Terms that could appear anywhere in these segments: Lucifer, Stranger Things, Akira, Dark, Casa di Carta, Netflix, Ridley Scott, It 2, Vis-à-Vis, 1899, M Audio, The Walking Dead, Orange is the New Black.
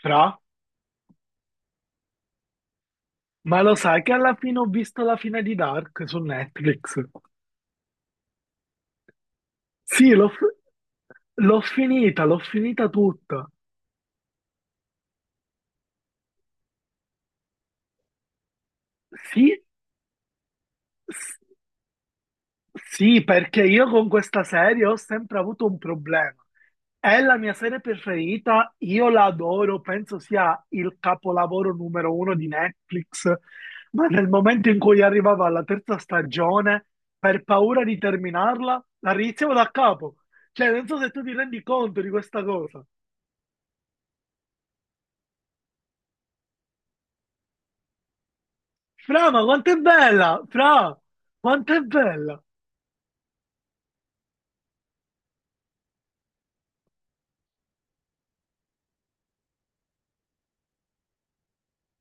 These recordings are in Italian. Fra? Ma lo sai che alla fine ho visto la fine di Dark su Netflix? Sì, l'ho finita tutta. Sì, s- sì, perché io con questa serie ho sempre avuto un problema. È la mia serie preferita, io la adoro, penso sia il capolavoro numero uno di Netflix, ma nel momento in cui arrivava alla terza stagione, per paura di terminarla, la riniziavo da capo. Cioè, non so se tu ti rendi conto di questa cosa. Fra, ma quanto è bella! Fra, quanto è bella!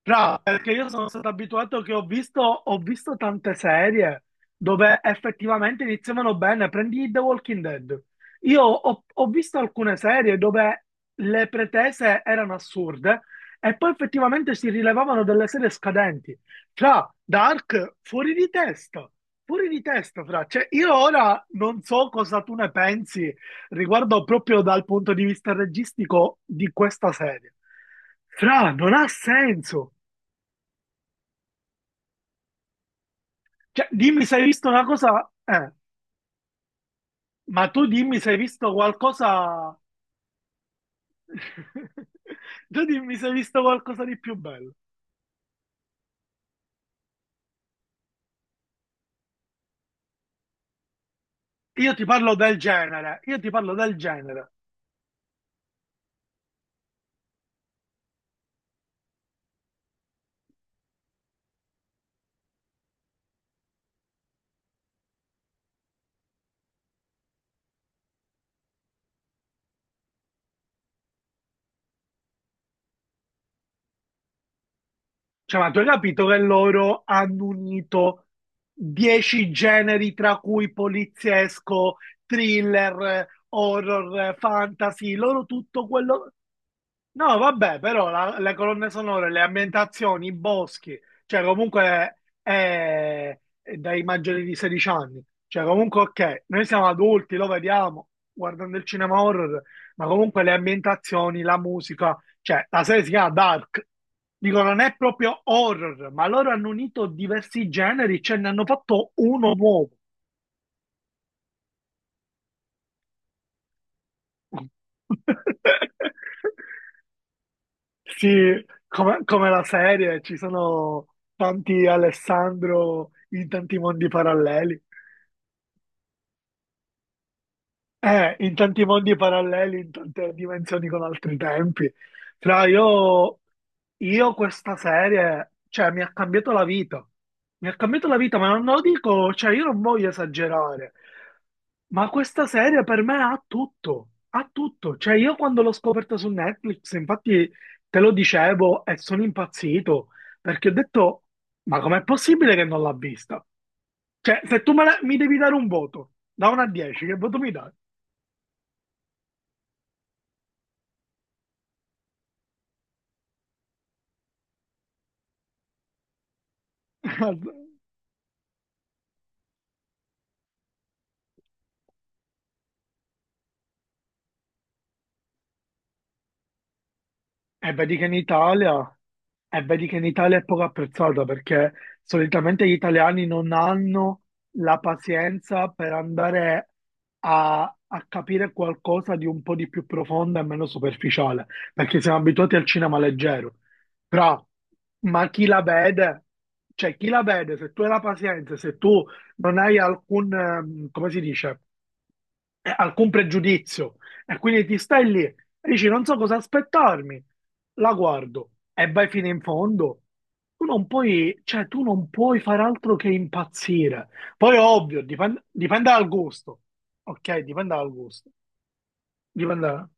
Tra, perché io sono stato abituato che ho visto tante serie dove effettivamente iniziavano bene. Prendi The Walking Dead. Io ho visto alcune serie dove le pretese erano assurde e poi effettivamente si rilevavano delle serie scadenti. Tra, Dark, fuori di testa. Fuori di testa, fra. Cioè, io ora non so cosa tu ne pensi riguardo proprio dal punto di vista registico di questa serie. Fra, non ha senso. Cioè, dimmi se hai visto una cosa, ma tu dimmi se hai visto qualcosa, tu dimmi se hai visto qualcosa di più bello. Io ti parlo del genere, io ti parlo del genere. Cioè, ma tu hai capito che loro hanno unito 10 generi, tra cui poliziesco, thriller, horror, fantasy, loro tutto quello. No, vabbè, però le colonne sonore, le ambientazioni, i boschi, cioè comunque è dai maggiori di 16 anni, cioè comunque ok, noi siamo adulti, lo vediamo guardando il cinema horror, ma comunque le ambientazioni, la musica, cioè la serie si chiama Dark, dico non è proprio horror, ma loro hanno unito diversi generi, ce ne hanno fatto uno nuovo. Sì, come la serie, ci sono tanti Alessandro in tanti mondi paralleli. In tanti mondi paralleli, in tante dimensioni con altri tempi. Fra io questa serie, cioè, mi ha cambiato la vita. Mi ha cambiato la vita, ma non lo dico, cioè, io non voglio esagerare. Ma questa serie per me ha tutto, ha tutto. Cioè, io quando l'ho scoperta su Netflix, infatti te lo dicevo e sono impazzito, perché ho detto, ma com'è possibile che non l'ha vista? Cioè, se tu mi devi dare un voto, da 1 a 10, che voto mi dai? E vedi che in Italia, e vedi che in Italia è poco apprezzata perché solitamente gli italiani non hanno la pazienza per andare a capire qualcosa di un po' di più profondo e meno superficiale, perché siamo abituati al cinema leggero. Però, ma chi la vede? Cioè, chi la vede? Se tu hai la pazienza, se tu non hai alcun, come si dice? Alcun pregiudizio. E quindi ti stai lì e dici non so cosa aspettarmi, la guardo e vai fino in fondo. Tu non puoi, cioè, tu non puoi fare altro che impazzire. Poi ovvio, dipende dal gusto. Ok, dipende dal gusto. Dipende.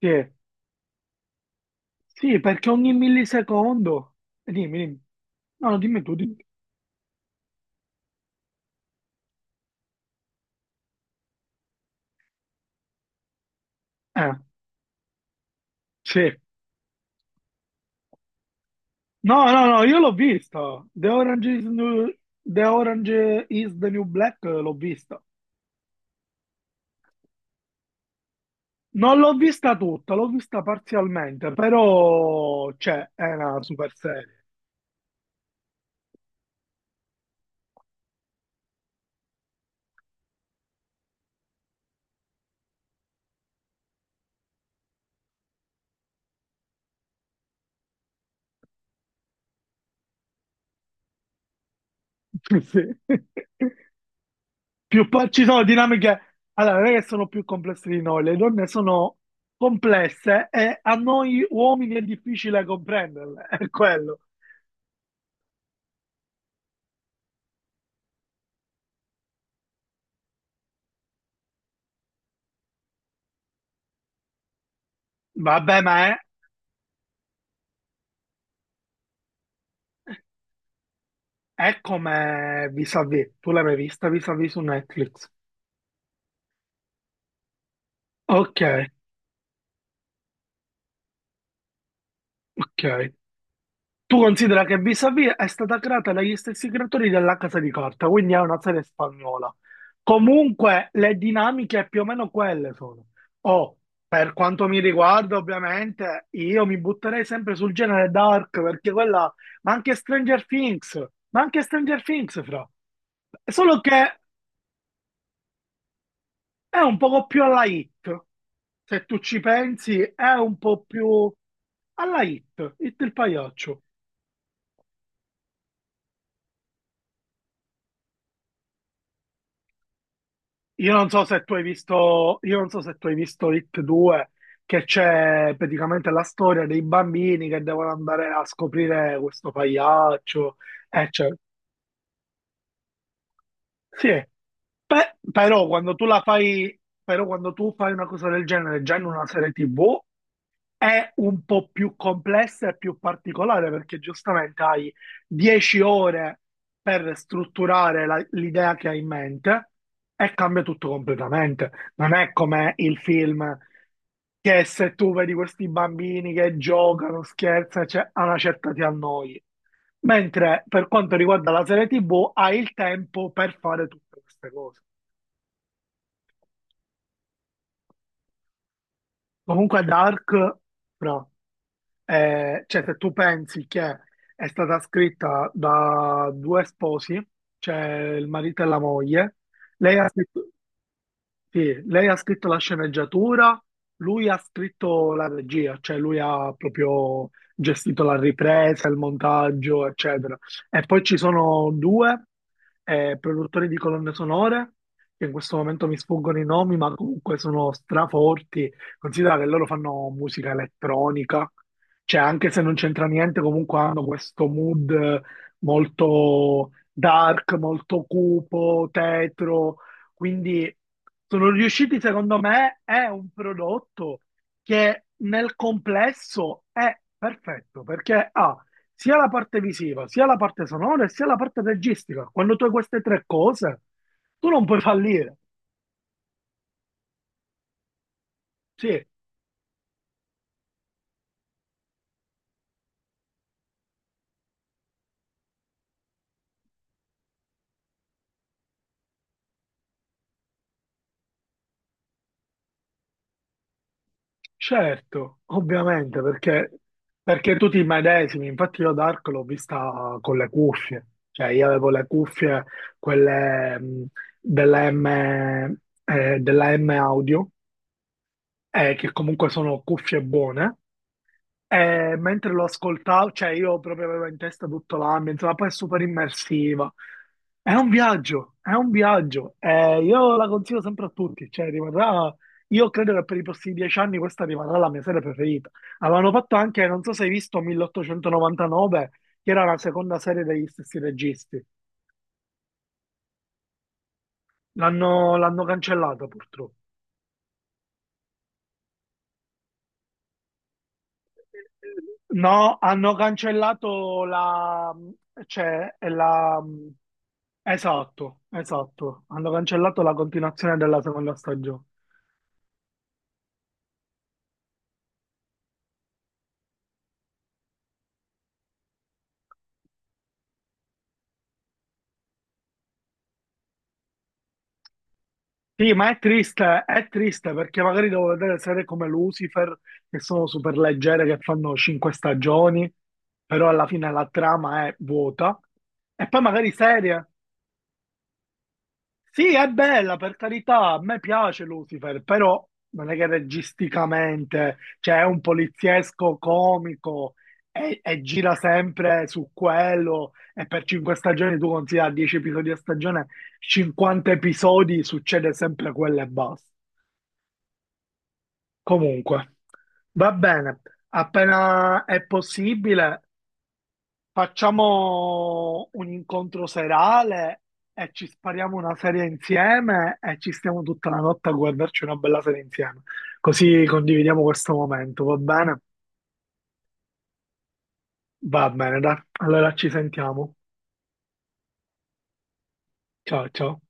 Sì. Sì, perché ogni millisecondo. Dimmi, dimmi. No, no, dimmi tu, dimmi. Eh, sì. No, no, no, io l'ho vista. The Orange is, New- The Orange is the New Black l'ho vista. Non l'ho vista tutta, l'ho vista parzialmente, però cioè, è una super serie. Sì. Più pa- ci sono dinamiche, allora, non è che sono più complesse di noi, le donne sono complesse e a noi uomini è difficile comprenderle, è quello. Vabbè, ma è come vis-à-vis, tu l'hai mai vista vis-à-vis su Netflix? Ok, ok. Tu considera che Vis-a-Vis è stata creata dagli stessi creatori della Casa di Carta, quindi è una serie spagnola. Comunque le dinamiche più o meno quelle sono. O, per quanto mi riguarda, ovviamente, io mi butterei sempre sul genere dark, perché quella... Ma anche Stranger Things, ma anche Stranger Things, fra. Solo che è un poco più alla hit, se tu ci pensi, è un po' più alla hit, hit il pagliaccio. Io non so se tu hai visto, io non so se tu hai visto It 2, che c'è praticamente la storia dei bambini che devono andare a scoprire questo pagliaccio, eccetera. Sì, però quando tu la fai, però quando tu fai una cosa del genere già in una serie TV, è un po' più complessa e più particolare perché giustamente hai 10 ore per strutturare l'idea che hai in mente e cambia tutto completamente. Non è come il film che se tu vedi questi bambini che giocano, scherzano, cioè, a una certa ti annoi. Mentre per quanto riguarda la serie TV, hai il tempo per fare tutte queste cose. Comunque Dark, però, cioè se tu pensi che è stata scritta da due sposi, cioè il marito e la moglie, lei ha scritto, sì, lei ha scritto la sceneggiatura, lui ha scritto la regia, cioè lui ha proprio gestito la ripresa, il montaggio, eccetera. E poi ci sono due produttori di colonne sonore, che in questo momento mi sfuggono i nomi, ma comunque sono straforti. Considera che loro fanno musica elettronica, cioè anche se non c'entra niente, comunque hanno questo mood molto dark, molto cupo, tetro, quindi sono riusciti, secondo me, è un prodotto che nel complesso è perfetto perché ha sia la parte visiva, sia la parte sonora e sia la parte registica. Quando tu hai queste tre cose, tu non puoi fallire. Sì, certo, ovviamente, perché tu ti medesimi. Infatti io Dark l'ho vista con le cuffie. Cioè io avevo le cuffie, quelle della M, della M Audio che comunque sono cuffie buone. E mentre lo ascoltavo, cioè io proprio avevo in testa tutto l'ambiente, ma poi è super immersiva. È un viaggio, è un viaggio. E io la consiglio sempre a tutti, cioè rimarrà, io credo che per i prossimi 10 anni questa rimarrà la mia serie preferita. Avevano fatto anche, non so se hai visto, 1899, che era la seconda serie degli stessi registi. L'hanno cancellata purtroppo. No, hanno cancellato la... cioè la... Esatto, esatto. Hanno cancellato la continuazione della seconda stagione. Sì, ma è triste perché magari devo vedere serie come Lucifer, che sono super leggere, che fanno 5 stagioni, però alla fine la trama è vuota. E poi magari serie. Sì, è bella, per carità, a me piace Lucifer, però non è che registicamente, cioè è un poliziesco comico e gira sempre su quello e per 5 stagioni tu considera 10 episodi a stagione, 50 episodi succede sempre quello e basta. Comunque, va bene, appena è possibile facciamo un incontro serale e ci spariamo una serie insieme e ci stiamo tutta la notte a guardarci una bella serie insieme. Così condividiamo questo momento, va bene? Va bene, dai. Allora ci sentiamo. Ciao, ciao.